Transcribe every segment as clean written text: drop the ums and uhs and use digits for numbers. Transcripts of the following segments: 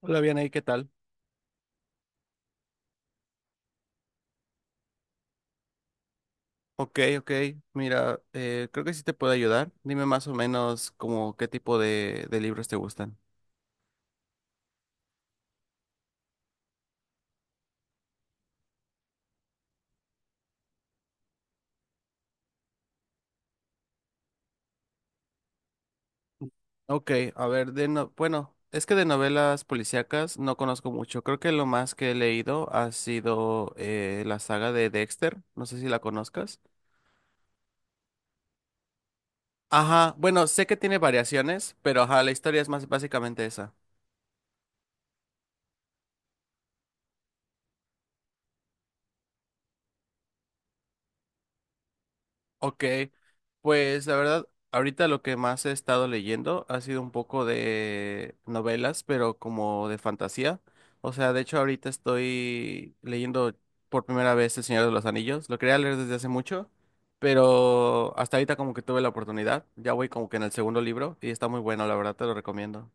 Hola, bien ahí, ¿qué tal? Ok, ok. Mira, creo que sí te puedo ayudar. Dime más o menos como qué tipo de libros te gustan. Ok, a ver, de no, bueno, es que de novelas policíacas no conozco mucho. Creo que lo más que he leído ha sido la saga de Dexter. No sé si la conozcas. Ajá, bueno, sé que tiene variaciones, pero ajá, la historia es más básicamente esa. Ok, pues la verdad, ahorita lo que más he estado leyendo ha sido un poco de novelas, pero como de fantasía. O sea, de hecho ahorita estoy leyendo por primera vez El Señor de los Anillos. Lo quería leer desde hace mucho, pero hasta ahorita como que tuve la oportunidad. Ya voy como que en el segundo libro y está muy bueno, la verdad te lo recomiendo.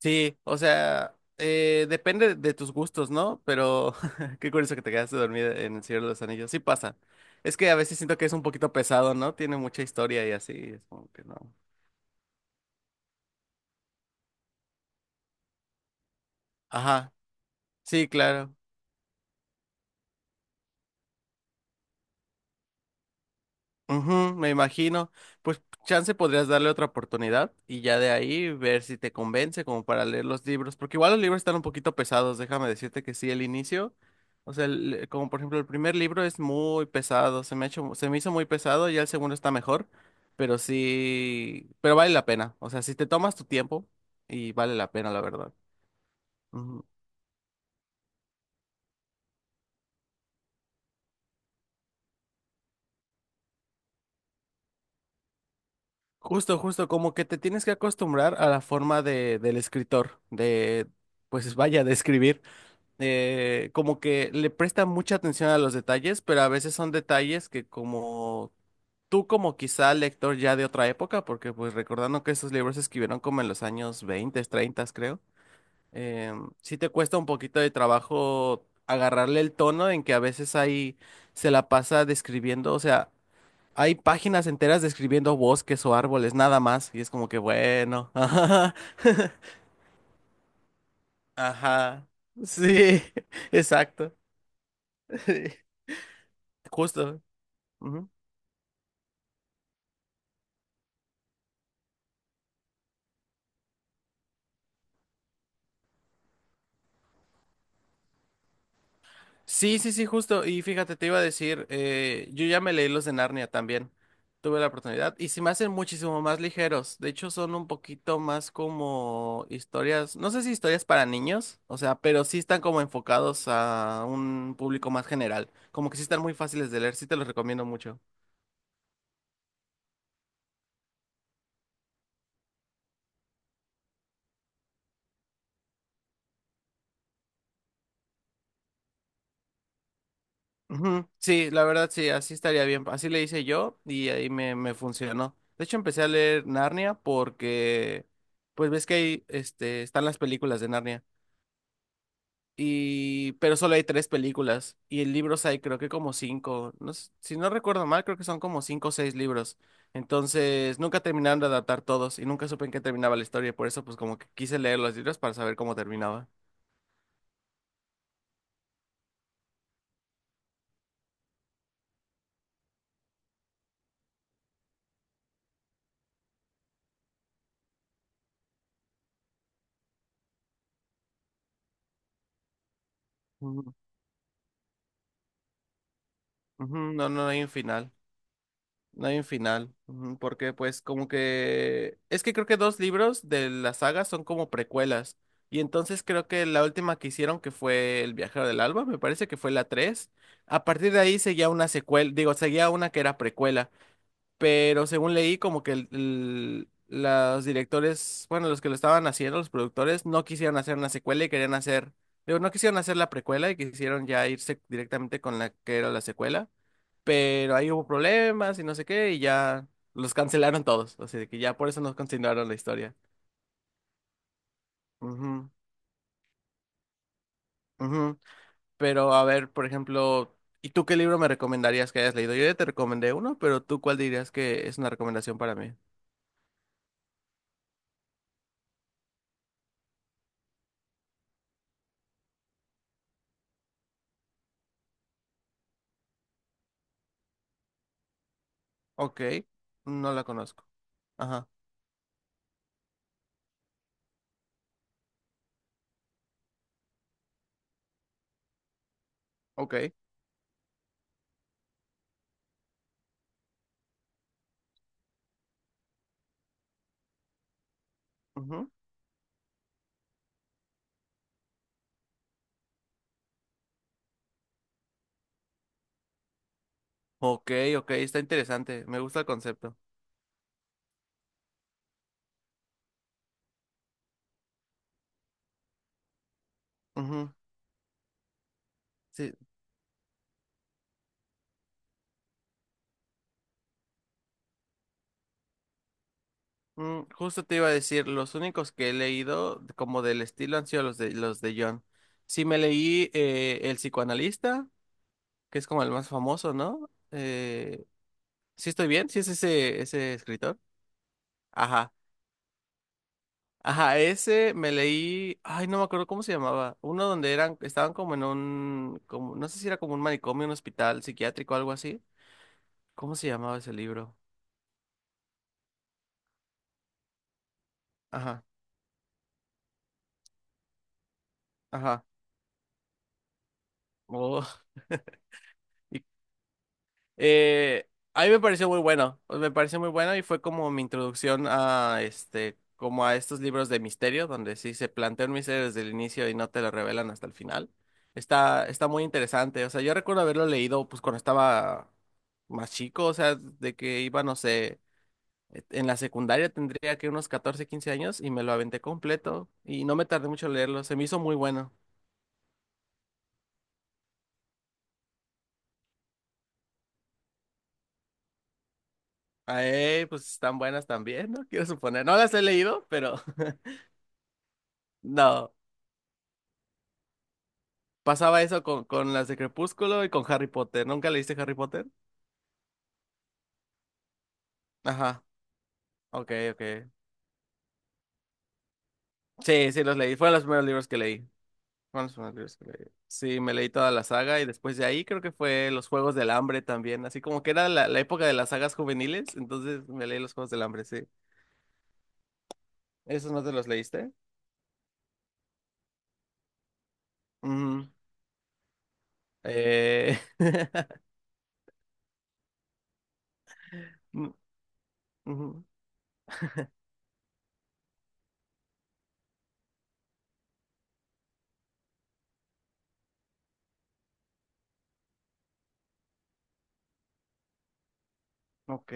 Sí, o sea, depende de tus gustos, ¿no? Pero qué curioso que te quedaste dormida en El Señor de los Anillos. Sí pasa. Es que a veces siento que es un poquito pesado, ¿no? Tiene mucha historia y así, es como que no. Ajá, sí, claro. Ujú, me imagino. Pues chance podrías darle otra oportunidad y ya de ahí ver si te convence como para leer los libros, porque igual los libros están un poquito pesados, déjame decirte que sí, el inicio, o sea, como por ejemplo el primer libro es muy pesado, se me ha hecho, se me hizo muy pesado, ya el segundo está mejor, pero sí, pero vale la pena, o sea, si te tomas tu tiempo y vale la pena, la verdad. Ujú. Justo, justo, como que te tienes que acostumbrar a la forma de, del escritor, de, pues vaya, de escribir. Como que le presta mucha atención a los detalles, pero a veces son detalles que como tú como quizá lector ya de otra época, porque pues recordando que estos libros se escribieron como en los años 20, 30, creo, eh, sí te cuesta un poquito de trabajo agarrarle el tono en que a veces ahí se la pasa describiendo, o sea, hay páginas enteras describiendo bosques o árboles, nada más, y es como que bueno, ajá, sí, exacto. Justo. Ujú. Sí, sí, sí, justo. Y fíjate, te iba a decir, yo ya me leí los de Narnia también. Tuve la oportunidad. Y se me hacen muchísimo más ligeros. De hecho, son un poquito más como historias, no sé si historias para niños, o sea, pero sí están como enfocados a un público más general. Como que sí están muy fáciles de leer, sí te los recomiendo mucho. Ujú, sí, la verdad sí, así estaría bien. Así le hice yo y ahí me funcionó. De hecho, empecé a leer Narnia porque, pues ves que ahí este, están las películas de Narnia. Y, pero solo hay tres películas y en libros hay creo que como cinco. No, si no recuerdo mal, creo que son como cinco o seis libros. Entonces, nunca terminaron de adaptar todos y nunca supe en qué terminaba la historia. Por eso, pues como que quise leer los libros para saber cómo terminaba. Ujú, ujú, no, no hay un final. No hay un final, ujú, porque pues como que... Es que creo que dos libros de la saga son como precuelas. Y entonces creo que la última que hicieron, que fue El Viajero del Alba, me parece que fue la tres. A partir de ahí seguía una secuela, digo, seguía una que era precuela. Pero según leí, como que los directores, bueno, los que lo estaban haciendo, los productores, no quisieron hacer una secuela y querían hacer... Digo, no quisieron hacer la precuela y quisieron ya irse directamente con la que era la secuela, pero ahí hubo problemas y no sé qué, y ya los cancelaron todos, así de que ya por eso no continuaron la historia. Ujú, ujú. Pero a ver, por ejemplo, ¿y tú qué libro me recomendarías que hayas leído? Yo ya te recomendé uno, pero ¿tú cuál dirías que es una recomendación para mí? Ok, no la conozco. Ajá, ok. Ujú. Ok, ok, está interesante, me gusta el concepto. Ujú, sí. Mm, justo te iba a decir, los únicos que he leído como del estilo han sido los de John. Sí me leí El psicoanalista, que es como el más famoso, ¿no? Sí estoy bien, sí es ese escritor. Ajá. Ajá, ese me leí, ay, no me acuerdo cómo se llamaba, uno donde eran estaban como en un como no sé si era como un manicomio, un hospital psiquiátrico algo así. ¿Cómo se llamaba ese libro? Ajá. Ajá. Oh. Eh, a mí me pareció muy bueno, pues, me pareció muy bueno y fue como mi introducción a este, como a estos libros de misterio, donde sí se plantea un misterio desde el inicio y no te lo revelan hasta el final. Está, está muy interesante, o sea, yo recuerdo haberlo leído pues cuando estaba más chico, o sea, de que iba, no sé, en la secundaria tendría que unos 14 15 años y me lo aventé completo y no me tardé mucho en leerlo, se me hizo muy bueno. Ay, pues están buenas también, ¿no? Quiero suponer, no las he leído, pero no. Pasaba eso con las de Crepúsculo y con Harry Potter. ¿Nunca leíste Harry Potter? Ajá, ok, ok. Sí, sí, los leí. Fueron los primeros libros que leí. Fueron los primeros libros que leí. Sí, me leí toda la saga y después de ahí creo que fue Los Juegos del Hambre también. Así como que era la, la época de las sagas juveniles, entonces me leí Los Juegos del Hambre, sí. ¿Esos no te los leíste? Ujú. Eh... mm, ujú. Ok.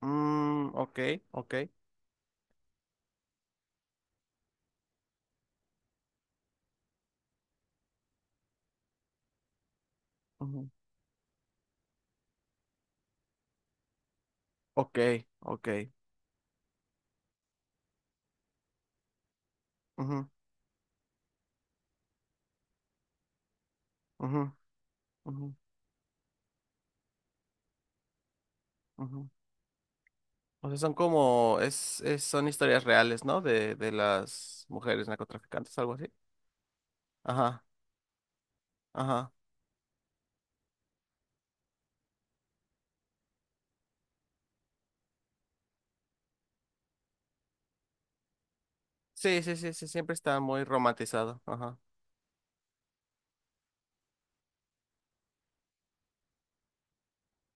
Mm, ok, ok. Ujú, ok, ok. Ujú, ujú, ujú, ujú. O sea, son como, son historias reales, ¿no? De las mujeres narcotraficantes, algo así. Ajá, ajá. Sí, sí, sí, sí, siempre está muy romantizado. Ajá.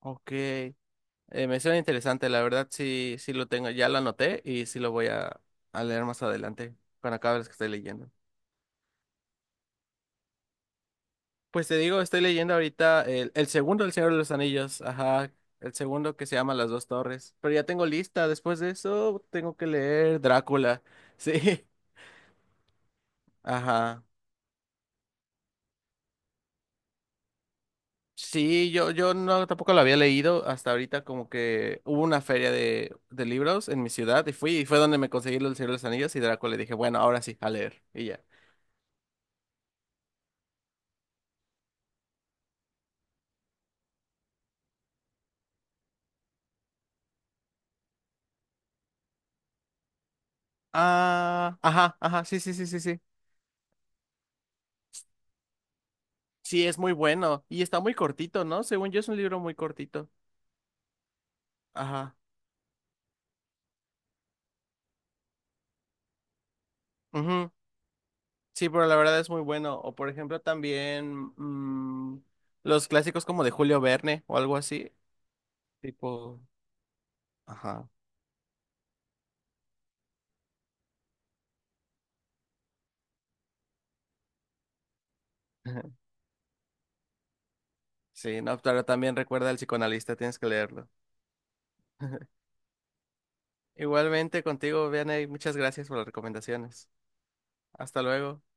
Ok. Me suena interesante, la verdad, sí, sí lo tengo, ya lo anoté y sí lo voy a leer más adelante, cuando acabe las que estoy leyendo. Pues te digo, estoy leyendo ahorita el segundo del Señor de los Anillos, ajá, el segundo que se llama Las Dos Torres. Pero ya tengo lista, después de eso tengo que leer Drácula, sí, ajá. Sí, yo no tampoco lo había leído hasta ahorita, como que hubo una feria de libros en mi ciudad y fui, y fue donde me conseguí el Señor de los Anillos y Draco le dije, bueno, ahora sí, a leer, y ya. Ah, ajá, ajá, sí, sí, sí, sí, sí. Sí, es muy bueno y está muy cortito, ¿no? Según yo es un libro muy cortito. Ajá. Ujú, sí, pero la verdad es muy bueno. O por ejemplo también mm, los clásicos como de Julio Verne o algo así, tipo, ajá. Sí, no, pero también recuerda al psicoanalista, tienes que leerlo. Igualmente contigo, Vianey, muchas gracias por las recomendaciones. Hasta luego.